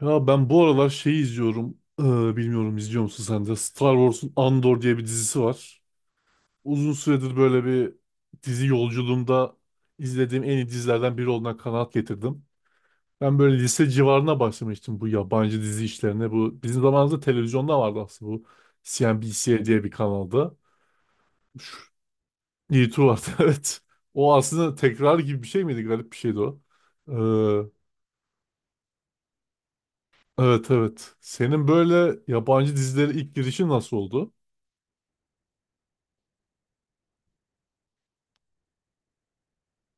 Ya ben bu aralar şeyi izliyorum. Bilmiyorum izliyor musun sen de? Star Wars'un Andor diye bir dizisi var. Uzun süredir böyle bir dizi yolculuğumda izlediğim en iyi dizilerden biri olduğuna kanaat getirdim. Ben böyle lise civarına başlamıştım bu yabancı dizi işlerine. Bu bizim zamanımızda televizyonda vardı aslında bu CNBC diye bir kanalda. Şu, YouTube vardı evet. O aslında tekrar gibi bir şey miydi? Garip bir şeydi o. Ee, evet evet. Senin böyle yabancı dizilere ilk girişin nasıl oldu?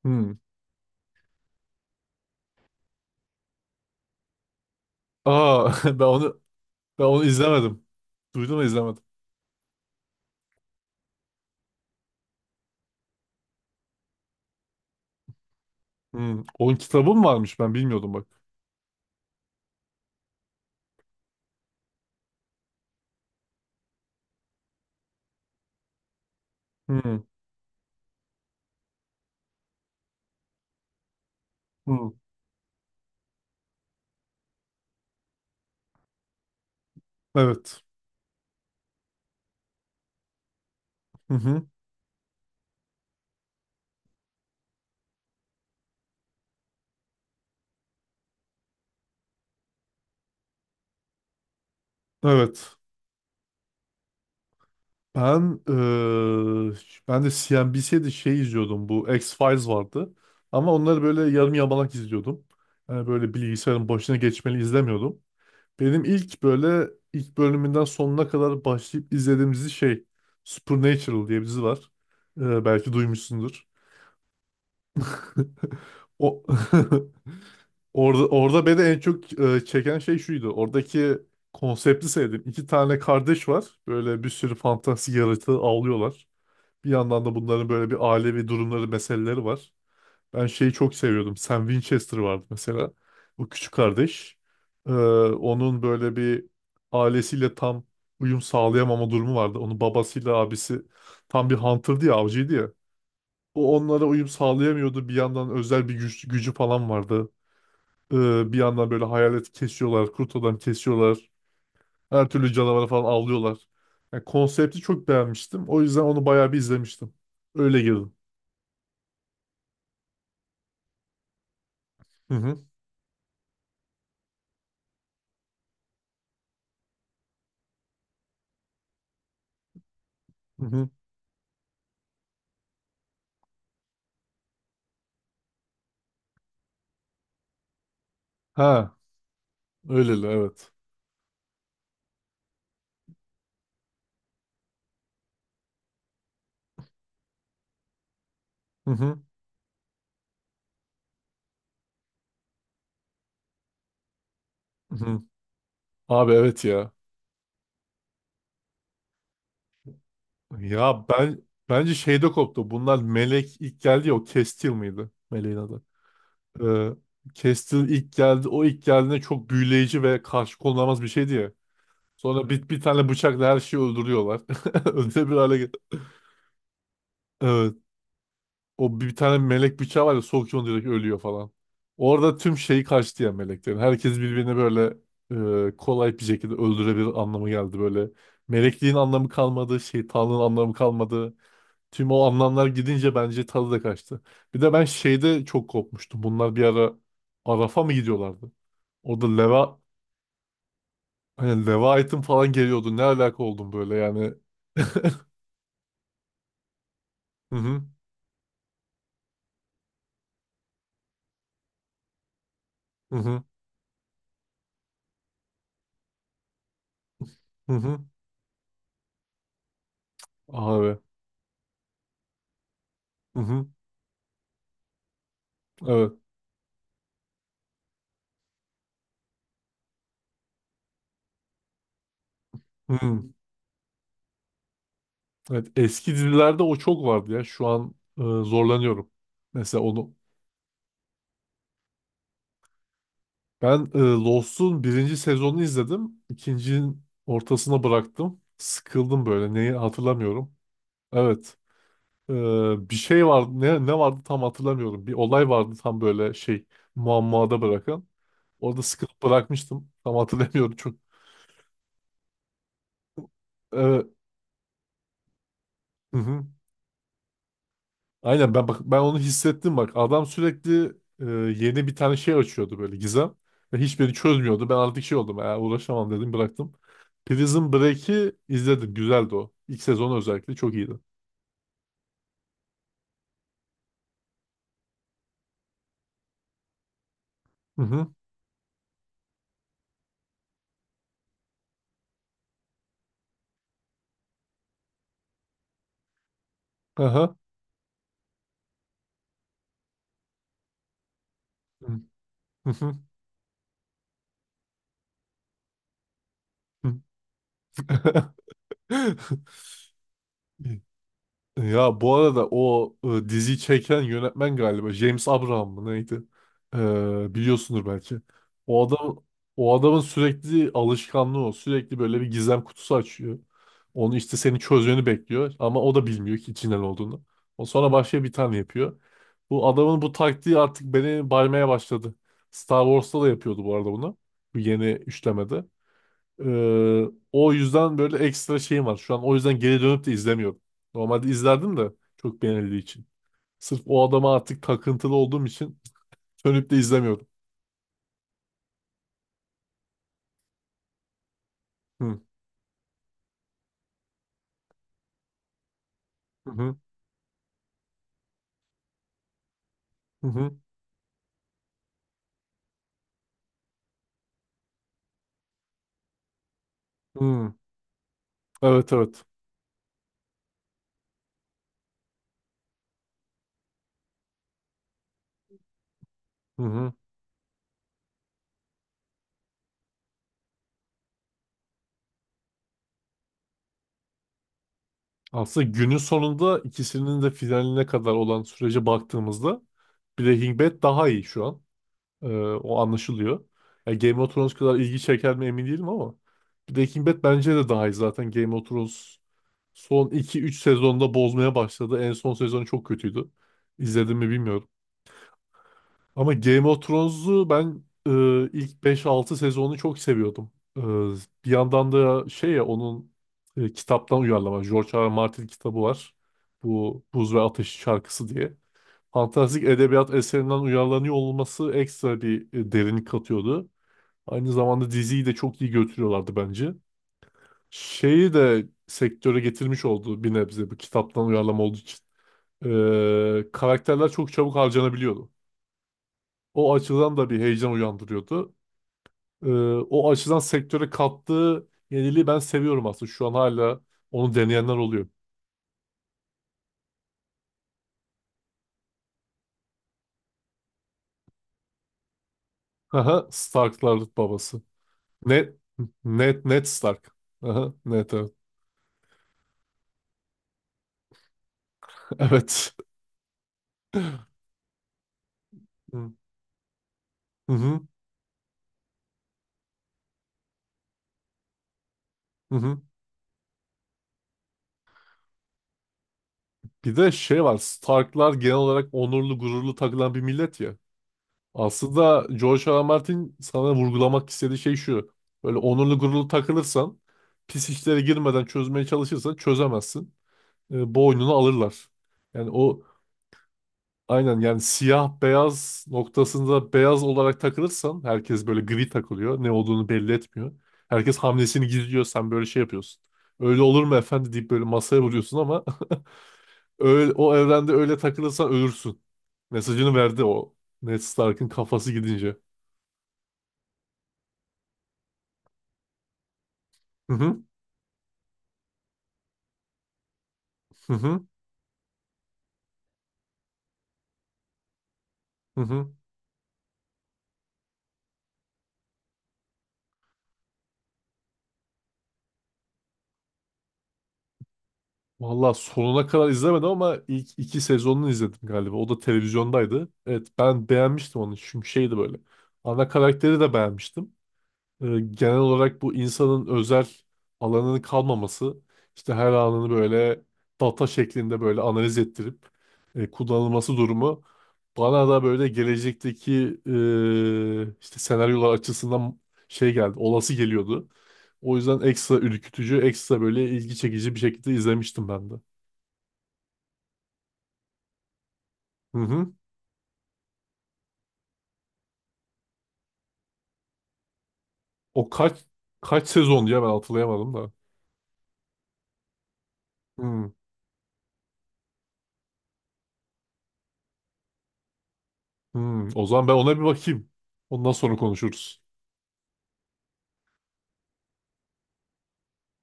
Hmm. Aa ben onu izlemedim. Duydum ama izlemedim. Hmm. Onun kitabı mı varmış ben bilmiyordum bak. Hmm. Hmm. Evet. Hı hı. Evet. Ben ben de CNBC'de şey izliyordum. Bu X-Files vardı. Ama onları böyle yarım yamalak izliyordum. Yani böyle bilgisayarın başına geçmeli izlemiyordum. Benim ilk böyle ilk bölümünden sonuna kadar başlayıp izlediğim dizi şey Supernatural diye bir dizi var. Belki duymuşsundur. O Orada beni en çok çeken şey şuydu. Oradaki konsepti sevdim. İki tane kardeş var. Böyle bir sürü fantastik yaratığı avlıyorlar. Bir yandan da bunların böyle bir ailevi durumları, meseleleri var. Ben şeyi çok seviyordum. Sam Winchester vardı mesela. Bu küçük kardeş. Ee, onun böyle bir ailesiyle tam uyum sağlayamama durumu vardı. Onun babasıyla abisi tam bir hunter'dı ya, avcıydı ya. O onlara uyum sağlayamıyordu. Bir yandan özel bir gücü falan vardı. Bir yandan böyle hayalet kesiyorlar, kurt adam kesiyorlar. Her türlü canavarı falan avlıyorlar. Yani konsepti çok beğenmiştim. O yüzden onu bayağı bir izlemiştim. Öyle girdim. Hı hı. Hı hı. Ha, öyleli evet. Hı hı. Hı hı. Abi evet ya. Ya ben bence şeyde koptu. Bunlar Melek ilk geldi ya o Kestil miydi? Meleğin adı. Ee, Kestil ilk geldi. O ilk geldiğinde çok büyüleyici ve karşı konulamaz bir şeydi ya. Sonra bir tane bıçakla her şeyi öldürüyorlar. Öldürebilir hale geldi. O bir tane melek bıçağı var ya sokuyor direkt ölüyor falan. Orada tüm şeyi kaçtı ya meleklerin. Herkes birbirini böyle kolay bir şekilde öldürebilir anlamı geldi böyle. Melekliğin anlamı kalmadı, şeytanlığın anlamı kalmadı. Tüm o anlamlar gidince bence tadı da kaçtı. Bir de ben şeyde çok kopmuştum. Bunlar bir ara Araf'a mı gidiyorlardı? Orada Leva hani Leviathan falan geliyordu. Ne alaka oldum böyle yani. Hı hı hı hı hı hı. Abi. Hı hı. Evet. Hı. Evet, eski dizilerde o çok vardı ya. Şu an zorlanıyorum. Mesela onu ben Lost'un birinci sezonunu izledim. İkincinin ortasına bıraktım. Sıkıldım böyle. Neyi hatırlamıyorum. Evet. E, bir şey vardı. Ne vardı tam hatırlamıyorum. Bir olay vardı tam böyle şey muammada bırakan. Orada sıkılıp bırakmıştım. Tam hatırlamıyorum çok. Evet. Aynen ben bak ben onu hissettim bak. Adam sürekli e, yeni bir tane şey açıyordu böyle gizem ve hiçbirini çözmüyordu. Ben artık şey oldum. Uğraşamam dedim bıraktım. Prison Break'i izledim. Güzeldi o. İlk sezonu özellikle çok iyiydi. Hı hı. Aha. Hı hı. hı. Ya bu arada o diziyi çeken yönetmen galiba James Abraham mı neydi? Biliyorsundur belki. O adam o adamın sürekli alışkanlığı o. Sürekli böyle bir gizem kutusu açıyor. Onu işte seni çözmeni bekliyor ama o da bilmiyor ki içinden olduğunu. O sonra başka bir tane yapıyor. Bu adamın bu taktiği artık beni baymaya başladı. Star Wars'ta da yapıyordu bu arada bunu. Bu yeni üçlemede. Ee, o yüzden böyle ekstra şeyim var. Şu an o yüzden geri dönüp de izlemiyorum. Normalde izlerdim de çok beğenildiği için. Sırf o adama artık takıntılı olduğum için dönüp de izlemiyorum. Hı hı hı hı. hı, hı. Evet evet. Hı hı. Aslında günün sonunda ikisinin de finaline kadar olan sürece baktığımızda Breaking Bad daha iyi şu an. O anlaşılıyor. Yani Game of Thrones kadar ilgi çeker mi emin değilim ama Breaking Bad bence de daha iyi zaten. Game of Thrones son iki üç sezonda bozmaya başladı. En son sezonu çok kötüydü. İzledim mi bilmiyorum. Ama Game of Thrones'u ben ilk beş altı sezonunu çok seviyordum. E, bir yandan da şey ya onun kitaptan uyarlama. George R. R. Martin kitabı var. Bu Buz ve Ateş şarkısı diye fantastik edebiyat eserinden uyarlanıyor olması ekstra bir derinlik katıyordu. Aynı zamanda diziyi de çok iyi götürüyorlardı bence. Şeyi de sektöre getirmiş oldu bir nebze bu kitaptan uyarlama olduğu için. Karakterler çok çabuk harcanabiliyordu. O açıdan da bir heyecan uyandırıyordu. Ee, o açıdan sektöre kattığı yeniliği ben seviyorum aslında. Şu an hala onu deneyenler oluyor. Aha, Starklar babası. Ned, Ned Stark. Aha, Ned evet. Evet. Hı hı, hı hı. Bir de şey var. Starklar genel olarak onurlu, gururlu takılan bir millet ya. Aslında George R. R. Martin sana vurgulamak istediği şey şu. Böyle onurlu, gururlu takılırsan, pis işlere girmeden çözmeye çalışırsan çözemezsin. Boynunu alırlar. Yani o aynen yani siyah beyaz noktasında beyaz olarak takılırsan herkes böyle gri takılıyor. Ne olduğunu belli etmiyor. Herkes hamlesini gizliyor. Sen böyle şey yapıyorsun. Öyle olur mu efendi deyip böyle masaya vuruyorsun ama Öyle, o evrende öyle takılırsan ölürsün. Mesajını verdi o. Ned Stark'ın kafası gidince. Hı hı hı hı hı. hı. Valla sonuna kadar izlemedim ama ilk iki sezonunu izledim galiba. O da televizyondaydı. Evet ben beğenmiştim onu çünkü şeydi böyle. Ana karakteri de beğenmiştim. E, genel olarak bu insanın özel alanının kalmaması işte her anını böyle data şeklinde böyle analiz ettirip kullanılması durumu bana da böyle gelecekteki işte senaryolar açısından şey geldi olası geliyordu. O yüzden ekstra ürkütücü, ekstra böyle ilgi çekici bir şekilde izlemiştim ben de. Hı hı. O kaç sezon diye ben hatırlayamadım da. Hı, hı. O zaman ben ona bir bakayım. Ondan sonra konuşuruz.